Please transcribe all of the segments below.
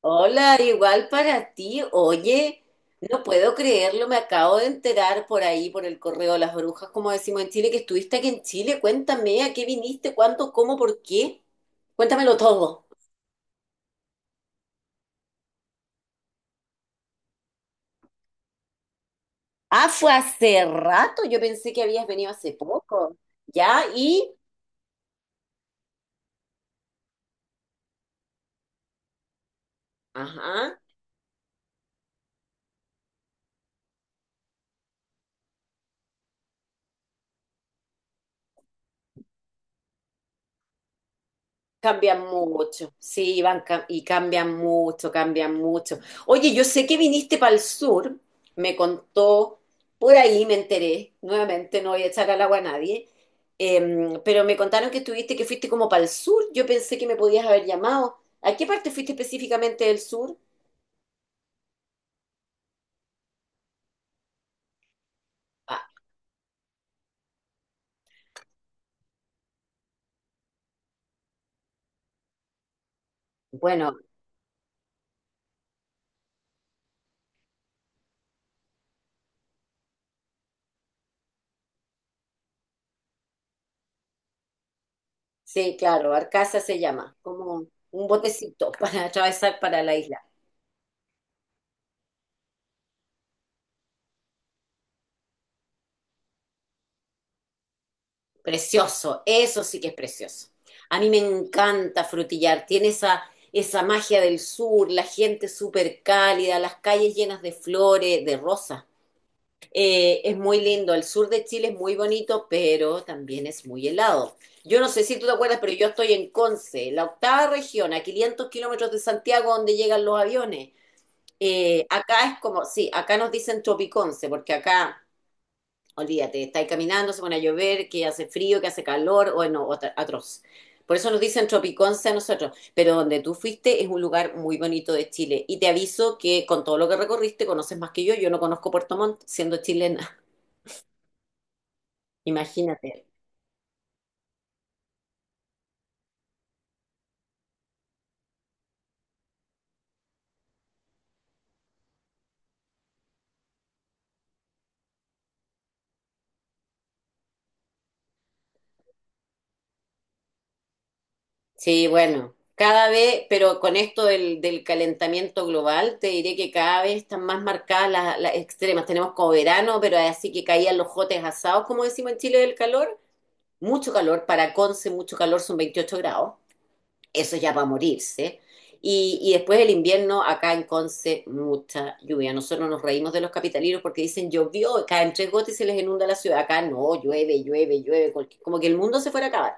Hola, igual para ti. Oye, no puedo creerlo, me acabo de enterar por ahí, por el correo de las brujas, como decimos en Chile, que estuviste aquí en Chile. Cuéntame, ¿a qué viniste? ¿Cuándo? ¿Cómo? ¿Por qué? Cuéntamelo todo. Ah, fue hace rato, yo pensé que habías venido hace poco. ¿Ya? ¿Y? Ajá. Cambian mucho, sí, y cambian mucho, cambian mucho. Oye, yo sé que viniste para el sur, me contó, por ahí me enteré, nuevamente no voy a echar al agua a nadie, pero me contaron que estuviste, que fuiste como para el sur, yo pensé que me podías haber llamado. ¿A qué parte fuiste específicamente del sur? Ah, bueno, sí, claro, Arcasa se llama, como un botecito para atravesar para la isla. Precioso, eso sí que es precioso. A mí me encanta Frutillar, tiene esa magia del sur, la gente súper cálida, las calles llenas de flores, de rosas. Es muy lindo, el sur de Chile es muy bonito, pero también es muy helado. Yo no sé si tú te acuerdas, pero yo estoy en Conce, la octava región, a 500 kilómetros de Santiago, donde llegan los aviones. Acá es como, sí, acá nos dicen Tropiconce, porque acá olvídate, estáis caminando, se pone a llover, que hace frío, que hace calor, bueno, atroz. Por eso nos dicen Tropiconce a nosotros, pero donde tú fuiste es un lugar muy bonito de Chile. Y te aviso que con todo lo que recorriste conoces más que yo no conozco Puerto Montt siendo chilena, imagínate. Sí, bueno, cada vez, pero con esto del calentamiento global, te diré que cada vez están más marcadas las extremas. Tenemos como verano, pero así que caían los jotes asados, como decimos en Chile, del calor. Mucho calor, para Conce mucho calor, son 28 grados, eso ya va a morirse. Y después el invierno, acá en Conce, mucha lluvia. Nosotros nos reímos de los capitalinos porque dicen llovió, caen tres gotas y se les inunda la ciudad. Acá no, llueve, llueve, llueve, como que el mundo se fuera a acabar.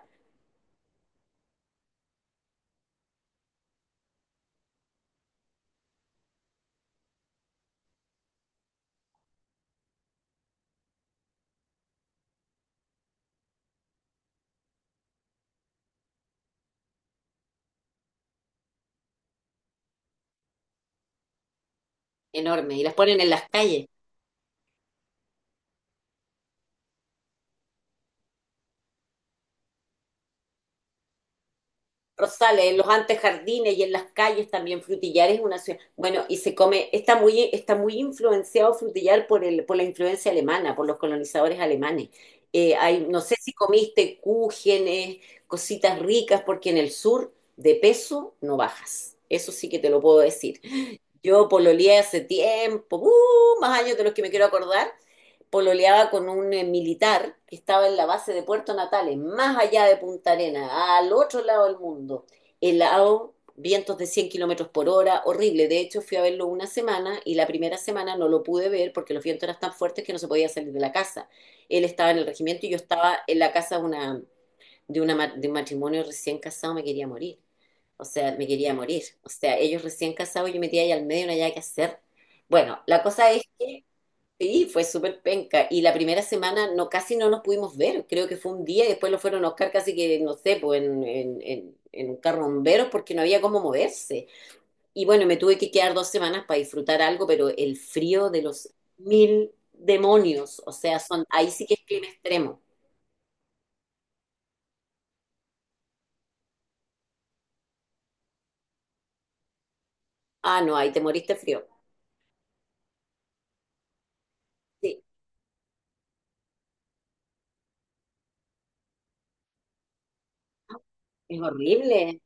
Enorme. Y las ponen en las calles. Rosales, en los antejardines y en las calles también, Frutillar es una ciudad, bueno, y se come, está muy influenciado Frutillar por el, por la influencia alemana, por los colonizadores alemanes. Hay, no sé si comiste cúgenes, cositas ricas, porque en el sur de peso no bajas. Eso sí que te lo puedo decir. Yo pololeé hace tiempo, ¡uh! Más años de los que me quiero acordar. Pololeaba con un militar que estaba en la base de Puerto Natales, más allá de Punta Arenas, al otro lado del mundo. Helado, vientos de 100 kilómetros por hora, horrible. De hecho, fui a verlo una semana y la primera semana no lo pude ver porque los vientos eran tan fuertes que no se podía salir de la casa. Él estaba en el regimiento y yo estaba en la casa de una de, una, de un matrimonio recién casado me quería morir. O sea, me quería morir. O sea, ellos recién casados, yo metía ahí al medio, no había que hacer. Bueno, la cosa es que sí, fue súper penca. Y la primera semana no, casi no nos pudimos ver. Creo que fue un día y después lo fueron a Oscar casi que, no sé, pues en un carro de bomberos porque no había cómo moverse. Y bueno, me tuve que quedar 2 semanas para disfrutar algo, pero el frío de los mil demonios, o sea, son, ahí sí que es clima extremo. Ah, no, ahí te moriste frío. Sí. Es horrible.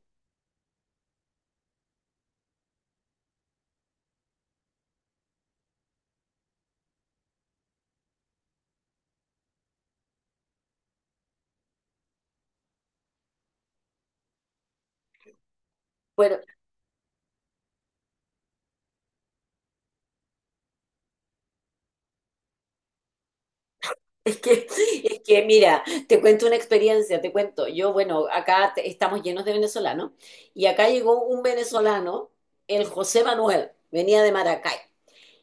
Bueno, es que, es que mira, te cuento una experiencia, te cuento. Yo, bueno, acá estamos llenos de venezolanos y acá llegó un venezolano, el José Manuel, venía de Maracay.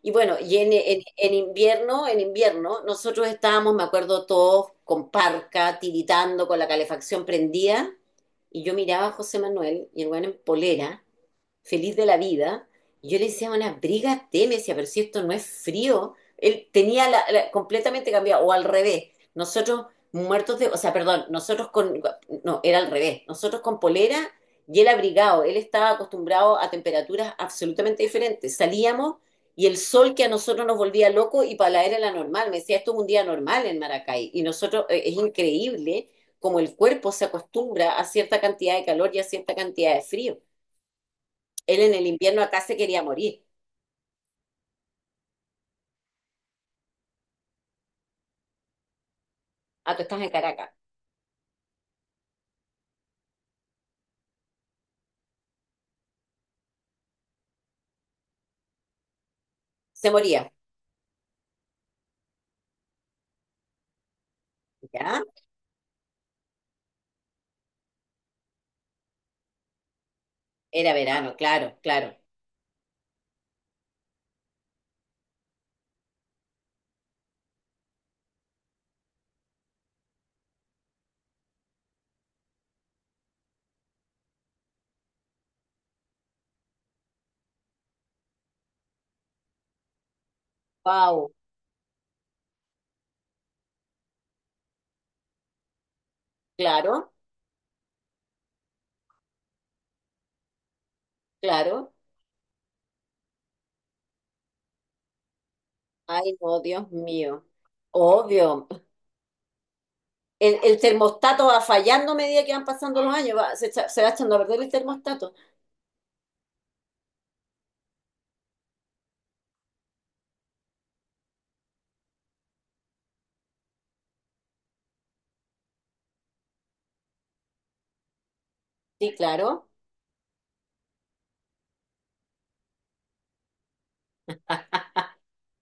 Y bueno, y en invierno, nosotros estábamos, me acuerdo, todos con parca, tiritando, con la calefacción prendida. Y yo miraba a José Manuel y el weón en polera feliz de la vida. Y yo le decía, una briga me decía, pero si esto no es frío, él tenía la, completamente cambiado, o al revés. Nosotros muertos de, o sea, perdón, nosotros con, no, era al revés, nosotros con polera y él abrigado, él estaba acostumbrado a temperaturas absolutamente diferentes. Salíamos y el sol que a nosotros nos volvía loco y para la era la normal. Me decía, esto es un día normal en Maracay. Y nosotros, es increíble como el cuerpo se acostumbra a cierta cantidad de calor y a cierta cantidad de frío. Él en el invierno acá se quería morir. Ah, tú estás en Caracas. Se moría. ¿Ya? Era verano, claro, claro. Wow, claro, claro. Ay, no, Dios mío. Obvio. El termostato va fallando a medida que van pasando los años. Se va echando a perder el termostato. Sí, claro.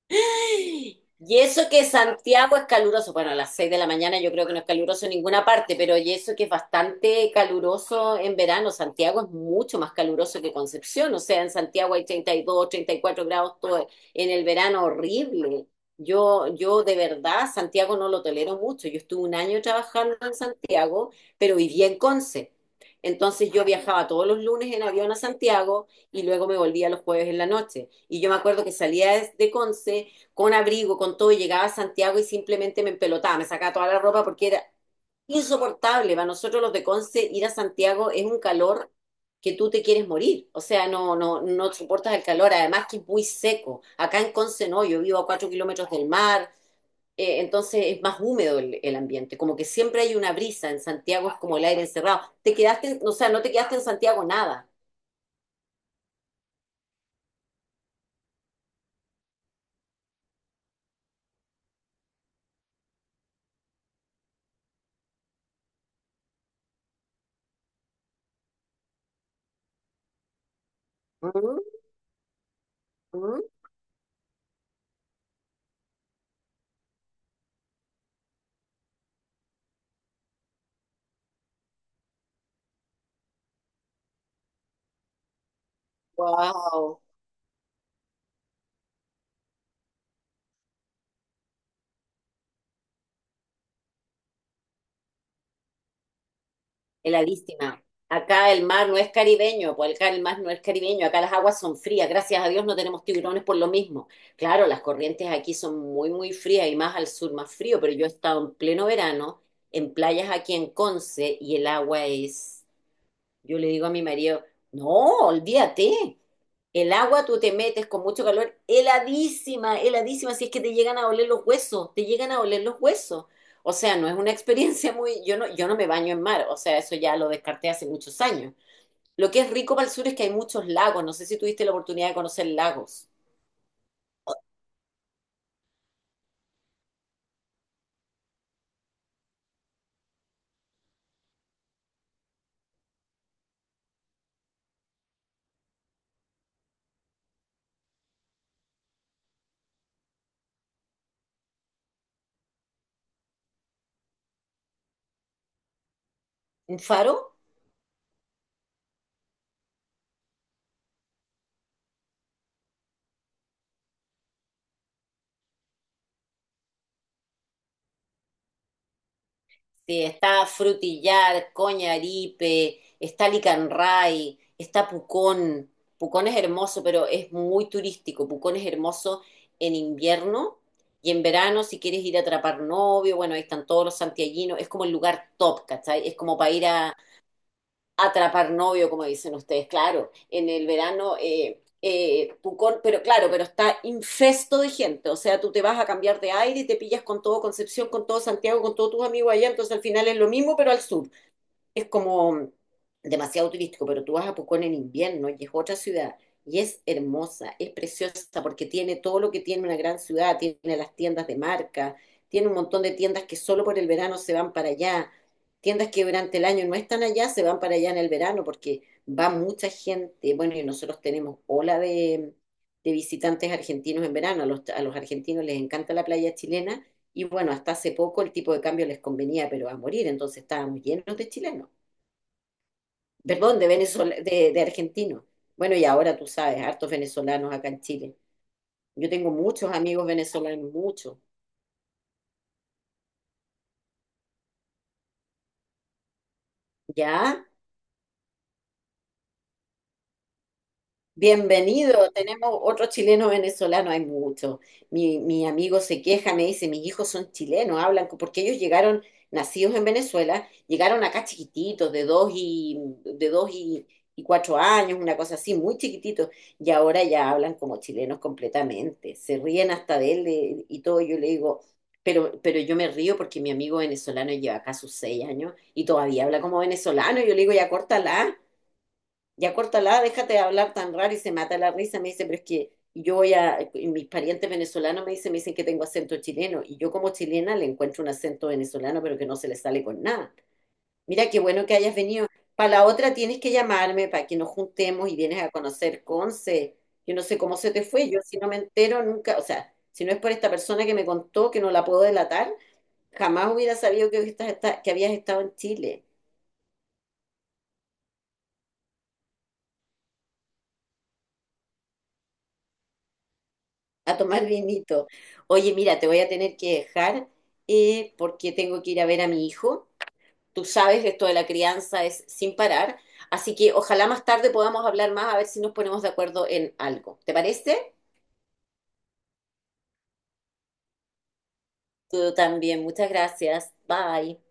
Y eso que Santiago es caluroso, bueno, a las 6 de la mañana yo creo que no es caluroso en ninguna parte, pero y eso que es bastante caluroso en verano, Santiago es mucho más caluroso que Concepción, o sea, en Santiago hay 30, 32, 34 grados todo en el verano horrible. Yo de verdad Santiago no lo tolero mucho, yo estuve un año trabajando en Santiago, pero vivía en Conce. Entonces yo viajaba todos los lunes en avión a Santiago, y luego me volvía los jueves en la noche. Y yo me acuerdo que salía de Conce con abrigo, con todo, y llegaba a Santiago y simplemente me empelotaba, me sacaba toda la ropa porque era insoportable. Para nosotros los de Conce ir a Santiago es un calor que tú te quieres morir, o sea, no, no, no soportas el calor, además que es muy seco. Acá en Conce no, yo vivo a 4 kilómetros del mar, entonces es más húmedo el ambiente, como que siempre hay una brisa, en Santiago es como el aire encerrado. Te quedaste, o sea, no te quedaste en Santiago nada. Mm, mm. Wow, heladísima. Acá el mar no es caribeño, pues acá el mar no es caribeño, acá las aguas son frías, gracias a Dios no tenemos tiburones por lo mismo. Claro, las corrientes aquí son muy, muy frías y más al sur más frío, pero yo he estado en pleno verano en playas aquí en Conce y el agua es... Yo le digo a mi marido, no, olvídate. El agua tú te metes con mucho calor, heladísima, heladísima, si es que te llegan a oler los huesos, te llegan a oler los huesos. O sea, no es una experiencia muy, yo no, yo no me baño en mar, o sea, eso ya lo descarté hace muchos años. Lo que es rico para el sur es que hay muchos lagos, no sé si tuviste la oportunidad de conocer lagos. ¿Un faro? Sí, está Frutillar, Coñaripe, está Licanray, está Pucón. Pucón es hermoso, pero es muy turístico. Pucón es hermoso en invierno y en verano, si quieres ir a atrapar novio, bueno, ahí están todos los santiaguinos. Es como el lugar top, ¿cachai? Es como para ir a... Atrapar novio, como dicen ustedes, claro. En el verano, tú con- pero claro, pero está infesto de gente. O sea, tú te vas a cambiar de aire y te pillas con todo Concepción, con todo Santiago, con todos tus amigos allá. Entonces al final es lo mismo, pero al sur es como demasiado turístico, pero tú vas a Pucón en invierno y es otra ciudad y es hermosa, es preciosa porque tiene todo lo que tiene una gran ciudad, tiene las tiendas de marca, tiene un montón de tiendas que solo por el verano se van para allá, tiendas que durante el año no están allá, se van para allá en el verano porque va mucha gente, bueno, y nosotros tenemos ola de visitantes argentinos en verano, a los argentinos les encanta la playa chilena. Y bueno, hasta hace poco el tipo de cambio les convenía, pero a morir, entonces estábamos llenos de chilenos perdón, de Venezuela, de argentinos. Bueno, y ahora tú sabes, hartos venezolanos acá en Chile. Yo tengo muchos amigos venezolanos, muchos. ¿Ya? Bienvenido, tenemos otro chileno venezolano, hay mucho. Mi amigo se queja, me dice, mis hijos son chilenos, hablan, porque ellos llegaron, nacidos en Venezuela, llegaron acá chiquititos, de dos y 4 años, una cosa así, muy chiquititos, y ahora ya hablan como chilenos completamente, se ríen hasta de él de- y todo, yo le digo, pero yo me río porque mi amigo venezolano lleva acá sus 6 años y todavía habla como venezolano, yo le digo, ya córtala, déjate de hablar tan raro y se mata la risa. Me dice, pero es que yo voy a, y mis parientes venezolanos me dicen que tengo acento chileno y yo como chilena le encuentro un acento venezolano, pero que no se le sale con nada. Mira qué bueno que hayas venido. Para la otra tienes que llamarme para que nos juntemos y vienes a conocer Conce. Yo no sé cómo se te fue, yo si no me entero nunca, o sea, si no es por esta persona que me contó que no la puedo delatar, jamás hubiera sabido que, que habías estado en Chile. A tomar vinito. Oye, mira, te voy a tener que dejar porque tengo que ir a ver a mi hijo. Tú sabes, esto de la crianza es sin parar, así que ojalá más tarde podamos hablar más a ver si nos ponemos de acuerdo en algo. ¿Te parece? Tú también, muchas gracias. Bye.